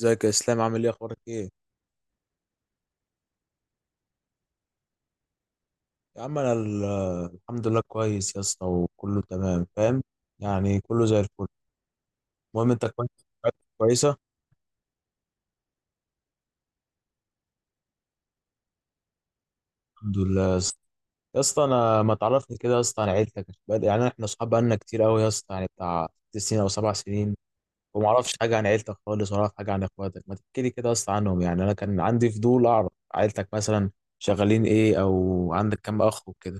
ازيك يا اسلام، عامل ايه، اخبارك ايه؟ يا عم انا الحمد لله كويس يا اسطى، وكله تمام فاهم. يعني كله زي الفل. المهم انت كويس؟ عيلتك كويسه؟ الحمد لله يا اسطى. يا اسطى انا ما تعرفني كده يا اسطى عن عيلتك. يعني احنا اصحاب بقالنا كتير قوي يا اسطى، يعني بتاع 6 سنين او 7 سنين. وما اعرفش حاجه عن عيلتك خالص، ولا اعرف حاجه عن اخواتك. ما تحكي لي كده يا اسطى عنهم، يعني انا كان عندي فضول اعرف عيلتك مثلا، شغالين ايه، او عندك كام اخ وكده؟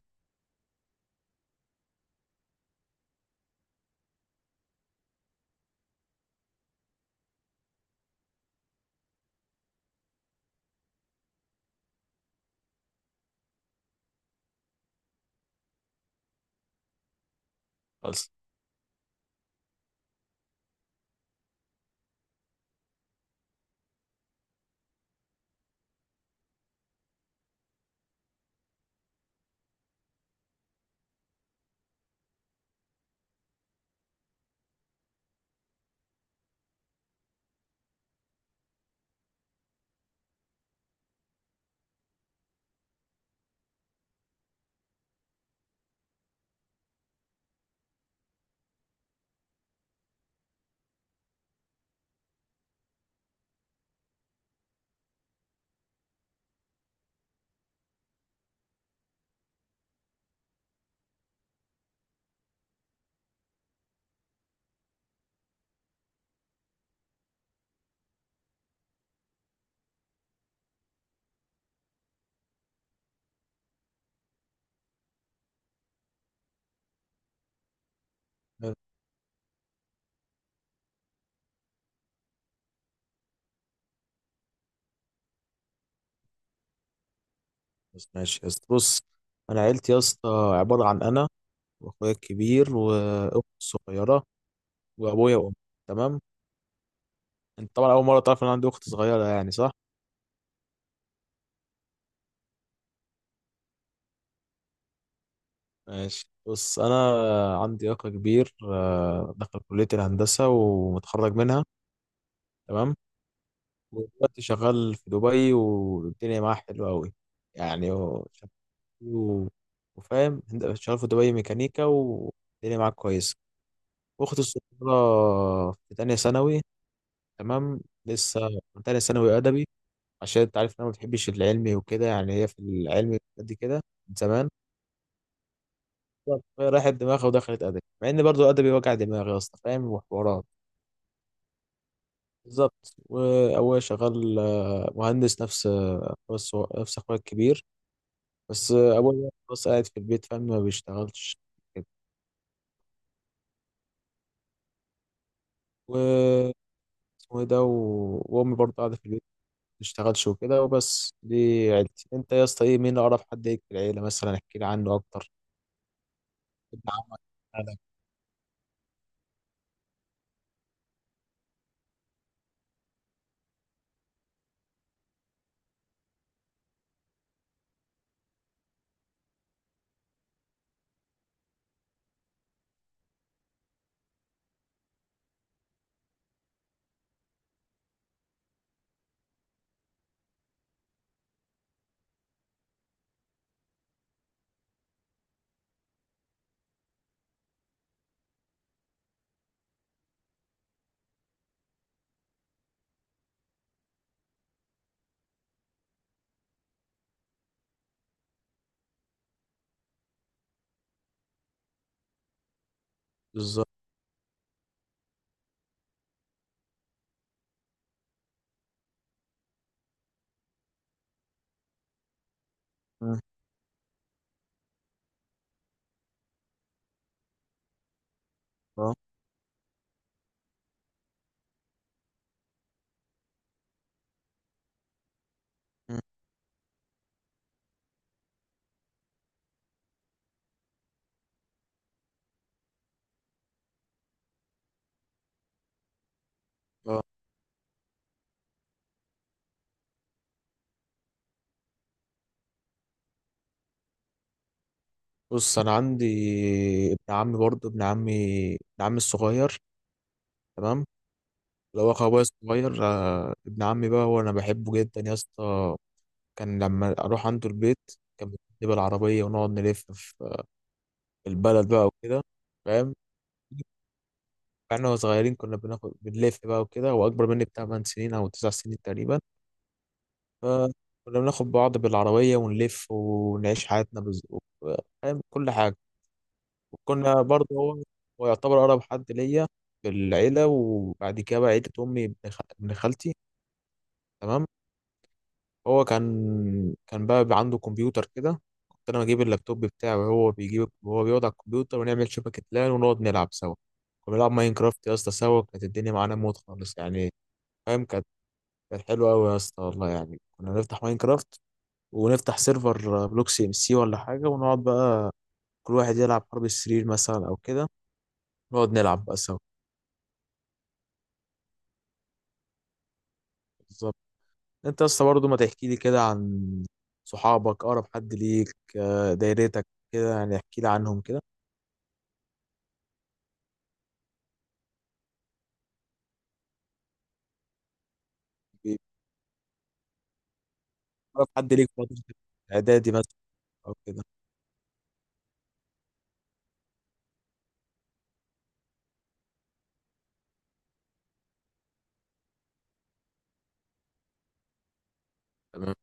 خلاص خلاص، ماشي يا اسطى، بص. انا عيلتي يا اسطى عباره عن انا، واخويا الكبير واختي الصغيره، وابويا وامي. تمام. انت طبعا اول مره تعرف ان أنا عندي اخت صغيره، يعني صح؟ ماشي، بص، انا عندي اخ كبير، دخل كليه الهندسه ومتخرج منها. تمام. ودلوقتي شغال في دبي والدنيا معاه حلوه قوي. يعني هو شغال و- وفاهم شغال في دبي ميكانيكا والدنيا معاه كويسه. اختي الصغيره في تانية ثانوي، تمام لسه، من تانية ثانوي ادبي. عشان انت عارف ان انا ما بتحبش العلمي وكده، يعني هي في العلمي قد كده، من زمان. فهي راحت دماغها ودخلت ادبي، مع ان برضو ادبي وجع دماغي يا اسطى، فاهم، وحوارات. بالظبط. وابويا شغال مهندس نفس اخويا الكبير. بس ابويا بس قاعد في البيت فاهم، ما بيشتغلش كده. و اسمه ايه ده و- وامي برضو قاعده في البيت ما بتشتغلش وكده، وبس دي عيلتي. انت يا اسطى ايه، مين اقرب حد ليك في العيله مثلا، احكي لي عنه اكتر، ابن عمك، خالك. بالظبط. مم. اه. آه. بص انا عندي ابن عمي برضه، ابن عمي الصغير. تمام. اللي هو اخو ابويا الصغير، ابن عمي بقى هو انا بحبه جدا يا اسطى. كان لما اروح عنده البيت، كان بيجيب بالعربيه ونقعد نلف في البلد بقى وكده، فاهم. وإحنا صغيرين كنا بنلف بقى وكده، هو اكبر مني بتاع 8 سنين او 9 سنين تقريبا. فكنا بناخد بعض بالعربيه ونلف ونعيش حياتنا فاهم كل حاجه. وكنا برضه، هو يعتبر أقرب حد ليا في العيلة. وبعد كده بقى عيلة أمي، ابن خالتي، تمام. هو كان بقى بيبقى عنده كمبيوتر كده، كنت أنا بجيب اللابتوب بتاعه وهو بيجيب وهو بيقعد على الكمبيوتر، ونعمل شبكة لان ونقعد نلعب سوا. كنا بنلعب ماينكرافت يا اسطى سوا، كانت الدنيا معانا موت خالص يعني، فاهم. كانت حلوة أوي يا اسطى والله، يعني كنا نفتح ماينكرافت، ونفتح سيرفر بلوك سي ام سي ولا حاجة، ونقعد بقى كل واحد يلعب حرب السرير مثلا أو كده، نقعد نلعب بقى سوا. انت يا اسطى برضه، ما تحكي لي كده عن صحابك، اقرب حد ليك، دايرتك كده، يعني احكي لي عنهم كده، اقرب حد ليك في فترة اعدادي مثلا او كده. تمام.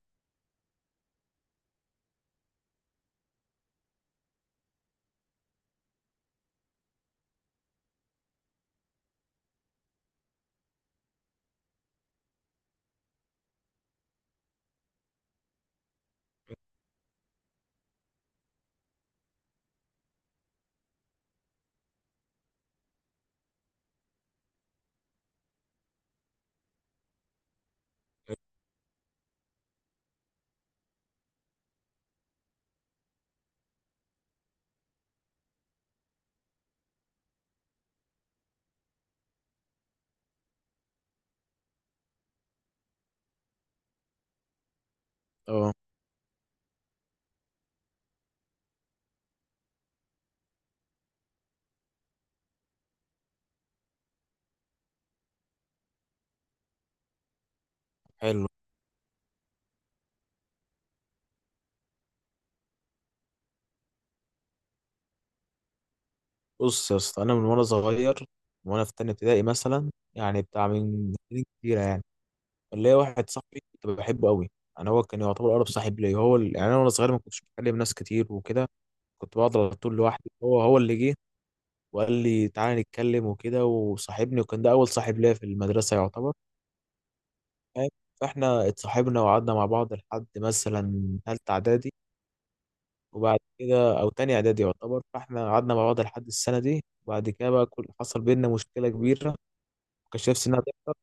اه. حلو. بص يا اسطى، انا من وانا صغير، من وانا في تانية ابتدائي مثلا، يعني بتاع من سنين كتيرة يعني، اللي واحد صاحبي كنت بحبه قوي. يعني هو كان يعتبر اقرب صاحب ليا. هو يعني انا وانا صغير ما كنتش بكلم ناس كتير وكده، كنت بقعد على طول لوحدي. هو اللي جه وقال لي تعالى نتكلم وكده، وصاحبني، وكان ده اول صاحب ليا في المدرسه يعتبر، فاهم؟ فاحنا اتصاحبنا وقعدنا مع بعض لحد مثلا تالتة اعدادي، وبعد كده او تاني اعدادي يعتبر، فاحنا قعدنا مع بعض لحد السنه دي. وبعد كده بقى كل حصل بينا مشكله كبيره، مكنتش نفسي انها تحصل.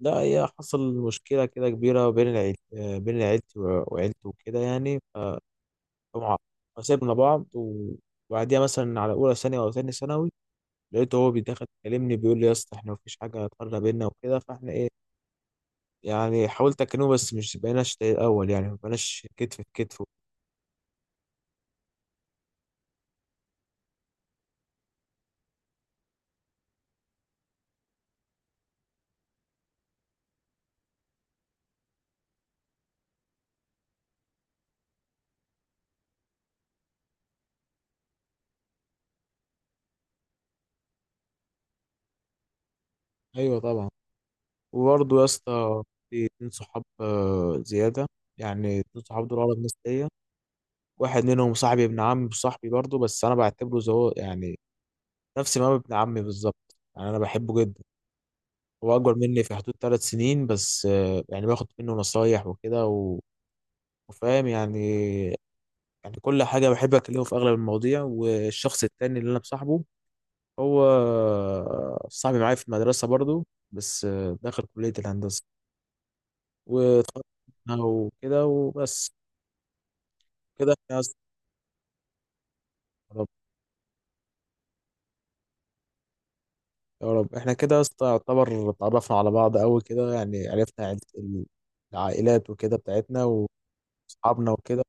لا، هي حصل مشكله كده كبيره بين العيل آه، بين عيلتي وعيلته وكده، يعني فمع- فسيبنا بعض، وبعديها مثلا على اولى ثانوي او تاني ثانوي، لقيته هو بيدخل يكلمني بيقول لي يا اسطى احنا مفيش حاجه هتقرب بينا وكده، فاحنا ايه، يعني حاولت اكلمه بس مش بقيناش زي الاول، يعني ما بقيناش كتف في كتف. ايوه طبعا. وبرضه يا اسطى، في اتنين صحاب زياده. يعني اتنين صحاب دول اقرب ناس ليا. واحد منهم صاحبي ابن عمي، صاحبي برضه بس انا بعتبره زي هو يعني، نفس ما هو ابن عمي بالظبط، يعني انا بحبه جدا. هو اكبر مني في حدود 3 سنين بس، يعني باخد منه نصايح وكده وفاهم يعني. يعني كل حاجة بحب أكلمه في أغلب المواضيع. والشخص التاني اللي أنا مصاحبه، هو صاحبي معايا في المدرسة برضو، بس داخل كلية الهندسة، واتخرجنا وكده وبس. كده احنا يا يا رب، يا رب احنا كده يا اسطى يعتبر اتعرفنا على بعض أوي كده، يعني عرفنا العائلات وكده بتاعتنا، وأصحابنا وكده.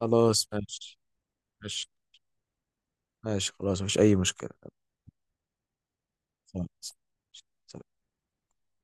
خلاص ماشي، ماشي، ماشي خلاص، مفيش أي مشكلة. سلام.